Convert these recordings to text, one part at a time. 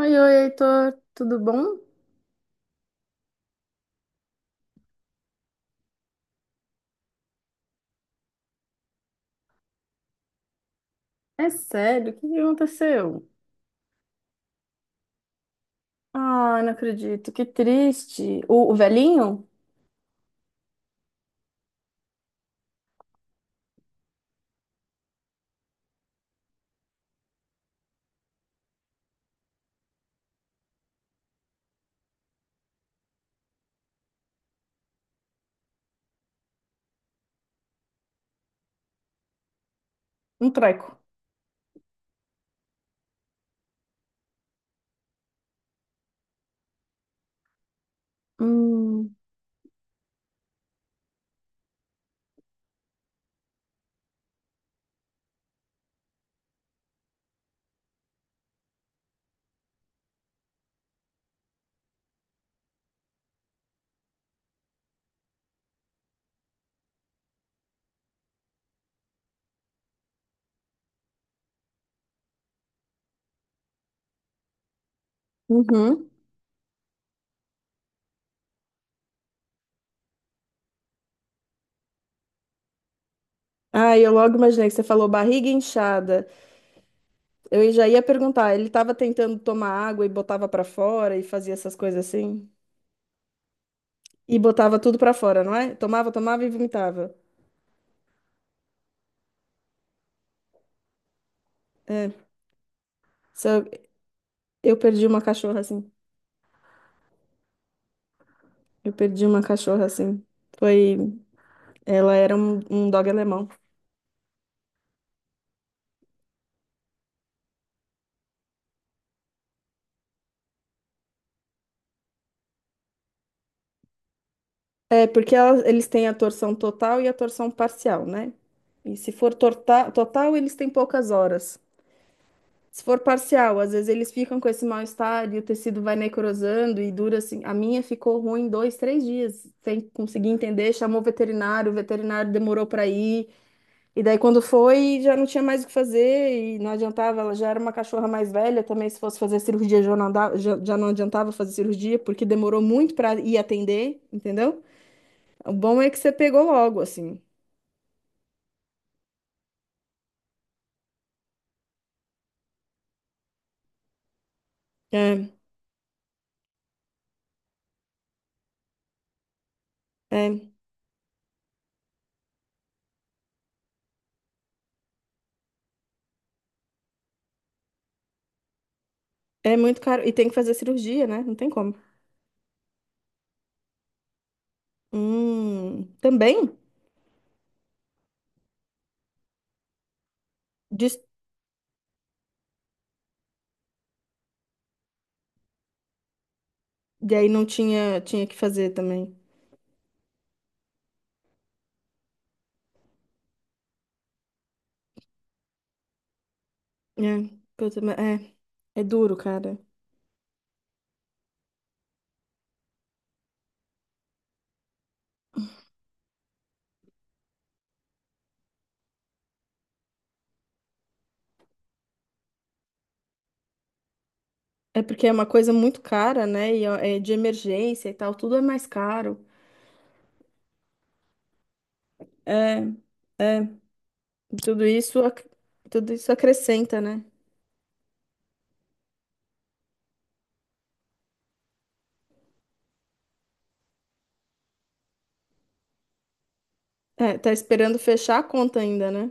Oi, oi, Heitor, tudo bom? É sério, o que que aconteceu? Ah, não acredito, que triste. O velhinho? Um treco. Hum, uhum. Ah, eu logo imaginei que você falou barriga inchada. Eu já ia perguntar, ele tava tentando tomar água e botava pra fora e fazia essas coisas assim? E botava tudo pra fora, não é? Tomava, tomava e vomitava. É, só eu perdi uma cachorra assim. Eu perdi uma cachorra assim. Foi, ela era um, um dog alemão. É, porque eles têm a torção total e a torção parcial, né? E se for total, eles têm poucas horas. Se for parcial, às vezes eles ficam com esse mal-estar e o tecido vai necrosando e dura assim. A minha ficou ruim dois, três dias, sem conseguir entender. Chamou o veterinário demorou para ir. E daí, quando foi, já não tinha mais o que fazer e não adiantava. Ela já era uma cachorra mais velha também. Se fosse fazer cirurgia, já não adiantava fazer cirurgia, porque demorou muito para ir atender, entendeu? O bom é que você pegou logo, assim. É, é, é muito caro. E tem que fazer cirurgia, né? Não tem como. Também? Diz- E aí não tinha, tinha que fazer também. É, puta, mas é duro, cara. É porque é uma coisa muito cara, né? E ó, é de emergência e tal, tudo é mais caro. É, é, tudo isso, ac- tudo isso acrescenta, né? É, tá esperando fechar a conta ainda, né?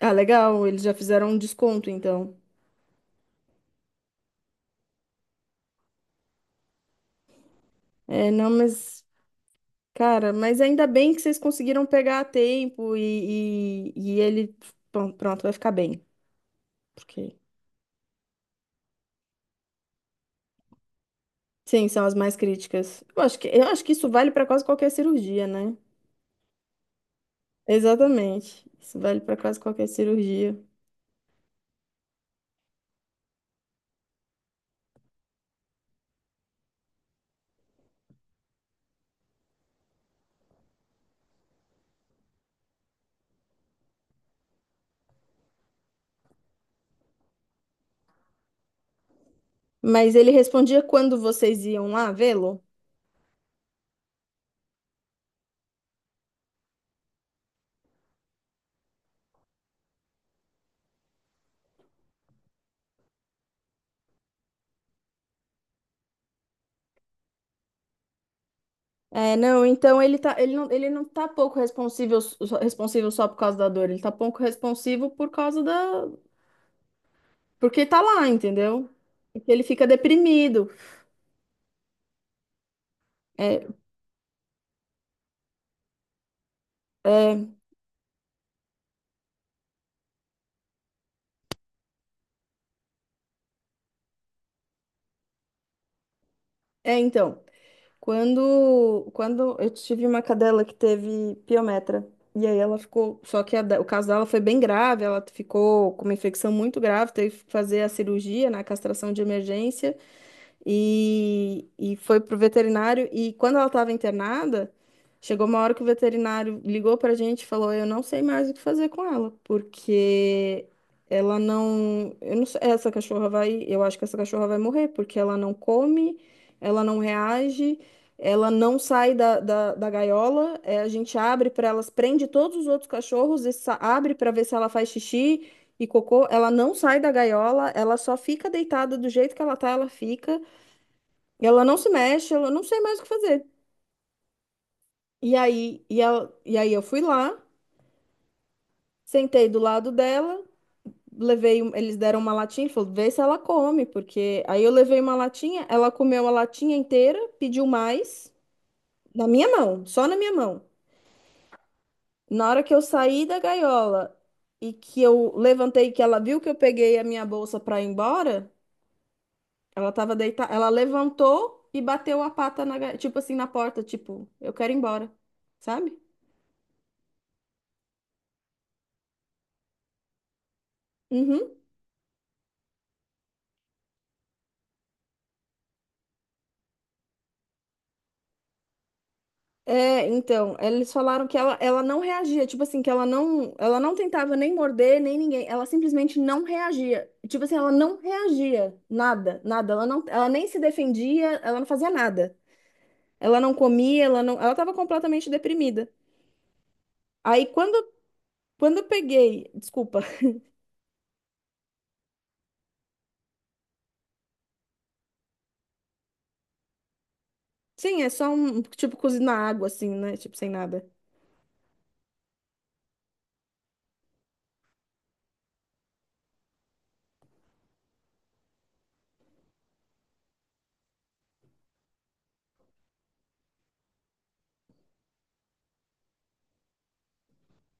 Ah, legal, eles já fizeram um desconto, então. Não, mas cara, mas ainda bem que vocês conseguiram pegar a tempo e ele. Pronto, vai ficar bem. Porque. Sim, são as mais críticas. Eu acho que isso vale para quase qualquer cirurgia, né? Exatamente. Isso vale para quase qualquer cirurgia. Mas ele respondia quando vocês iam lá vê-lo? É, não, então ele tá, ele não tá pouco responsivo só por causa da dor, ele tá pouco responsivo por causa da, porque tá lá, entendeu? Porque ele fica deprimido. É, é, então. Quando eu tive uma cadela que teve piometra, e aí ela ficou. Só que o caso dela foi bem grave, ela ficou com uma infecção muito grave, teve que fazer a cirurgia, na castração de emergência e foi pro veterinário. E quando ela estava internada, chegou uma hora que o veterinário ligou pra gente e falou: eu não sei mais o que fazer com ela, porque ela não. Eu não sei, essa cachorra vai. Eu acho que essa cachorra vai morrer, porque ela não come, ela não reage. Ela não sai da gaiola, eh, a gente abre para elas, prende todos os outros cachorros e abre para ver se ela faz xixi e cocô. Ela não sai da gaiola, ela só fica deitada do jeito que ela tá, ela fica. Ela não se mexe, ela não sei mais o que fazer. E aí, e, e aí eu fui lá, sentei do lado dela, levei, eles deram uma latinha e falou, vê se ela come, porque aí eu levei uma latinha, ela comeu a latinha inteira, pediu mais, na minha mão, só na minha mão. Na hora que eu saí da gaiola e que eu levantei, que ela viu que eu peguei a minha bolsa para ir embora, ela tava deitada, ela levantou e bateu a pata na, tipo assim, na porta, tipo, eu quero ir embora, sabe? Uhum. É, então, eles falaram que ela não reagia, tipo assim, que ela não tentava nem morder, nem ninguém, ela simplesmente não reagia. Tipo assim, ela não reagia, nada, nada, ela não, ela nem se defendia, ela não fazia nada. Ela não comia, ela não, ela tava completamente deprimida. Aí quando, quando eu peguei, desculpa. Sim, é só um, tipo, cozinhar água assim, né? Tipo, sem nada.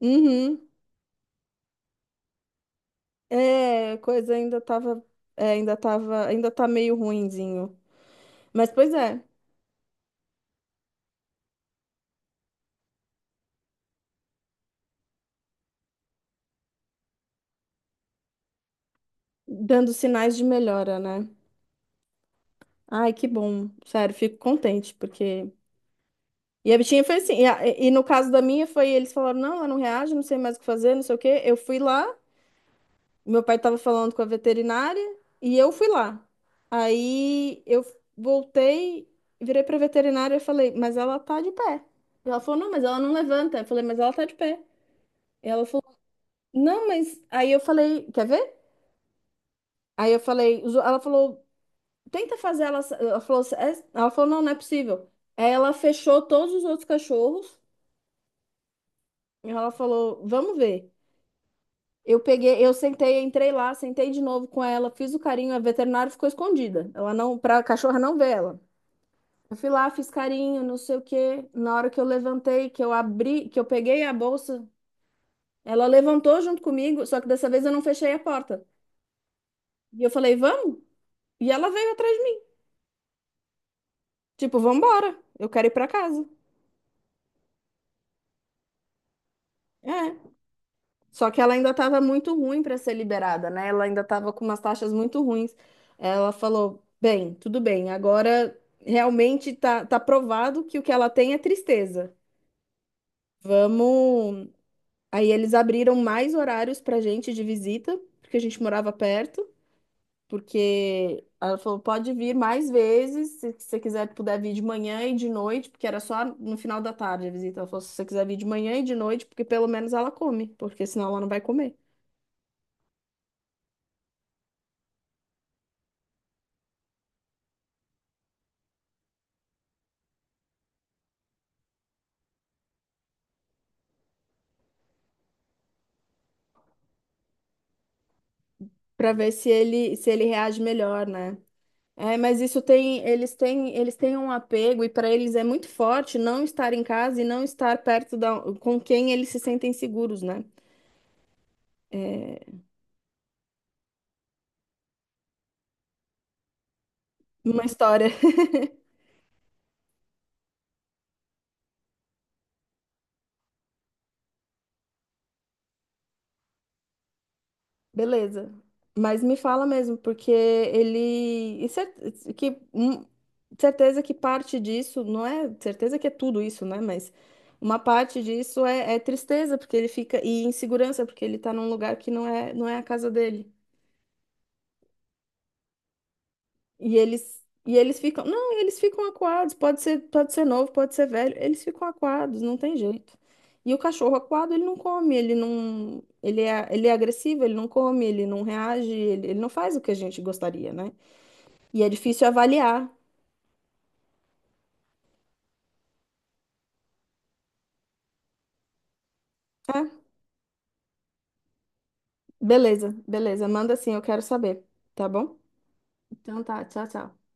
Uhum. É, coisa ainda tava, é, ainda tava, ainda tá meio ruinzinho. Mas pois é. Dando sinais de melhora, né? Ai, que bom. Sério, fico contente, porque. E a bichinha foi assim. E, e no caso da minha, foi eles falaram: não, ela não reage, não sei mais o que fazer, não sei o quê. Eu fui lá, meu pai tava falando com a veterinária, e eu fui lá. Aí eu voltei, virei pra veterinária e falei: mas ela tá de pé. E ela falou: não, mas ela não levanta. Eu falei: mas ela tá de pé. E ela falou: não, mas. Aí eu falei: quer ver? Aí eu falei: ela falou. Tenta fazer ela. Ela falou, assim, ela falou, não, não é possível. Aí ela fechou todos os outros cachorros. E ela falou, vamos ver. Eu peguei, eu sentei, entrei lá, sentei de novo com ela, fiz o carinho, a veterinária ficou escondida. Ela não, pra cachorra não ver ela. Eu fui lá, fiz carinho, não sei o quê. Na hora que eu levantei, que eu abri, que eu peguei a bolsa, ela levantou junto comigo, só que dessa vez eu não fechei a porta. E eu falei, vamos? E ela veio atrás de mim, tipo, vamos embora, eu quero ir pra casa. É. Só que ela ainda estava muito ruim para ser liberada, né? Ela ainda estava com umas taxas muito ruins. Ela falou: bem, tudo bem, agora realmente tá, tá provado que o que ela tem é tristeza. Vamos. Aí eles abriram mais horários para gente de visita, porque a gente morava perto. Porque ela falou: pode vir mais vezes, se você quiser, puder vir de manhã e de noite, porque era só no final da tarde a visita. Ela falou: se você quiser vir de manhã e de noite, porque pelo menos ela come, porque senão ela não vai comer. Para ver se ele se ele reage melhor, né? É, mas isso tem, eles têm um apego e para eles é muito forte não estar em casa e não estar perto da, com quem eles se sentem seguros, né? Uma história. Beleza. Mas me fala mesmo, porque ele. E que, hum, certeza que parte disso, não é certeza que é tudo isso, né? Mas uma parte disso é, é tristeza, porque ele fica. E insegurança, porque ele tá num lugar que não é, não é a casa dele. E eles ficam, não, eles ficam acuados, pode ser novo, pode ser velho, eles ficam acuados, não tem jeito. E o cachorro acuado, ele não come, ele não, ele é agressivo, ele não come, ele não reage, ele não faz o que a gente gostaria, né? E é difícil avaliar. Ah, beleza, beleza, manda assim, eu quero saber, tá bom? Então tá, tchau, tchau.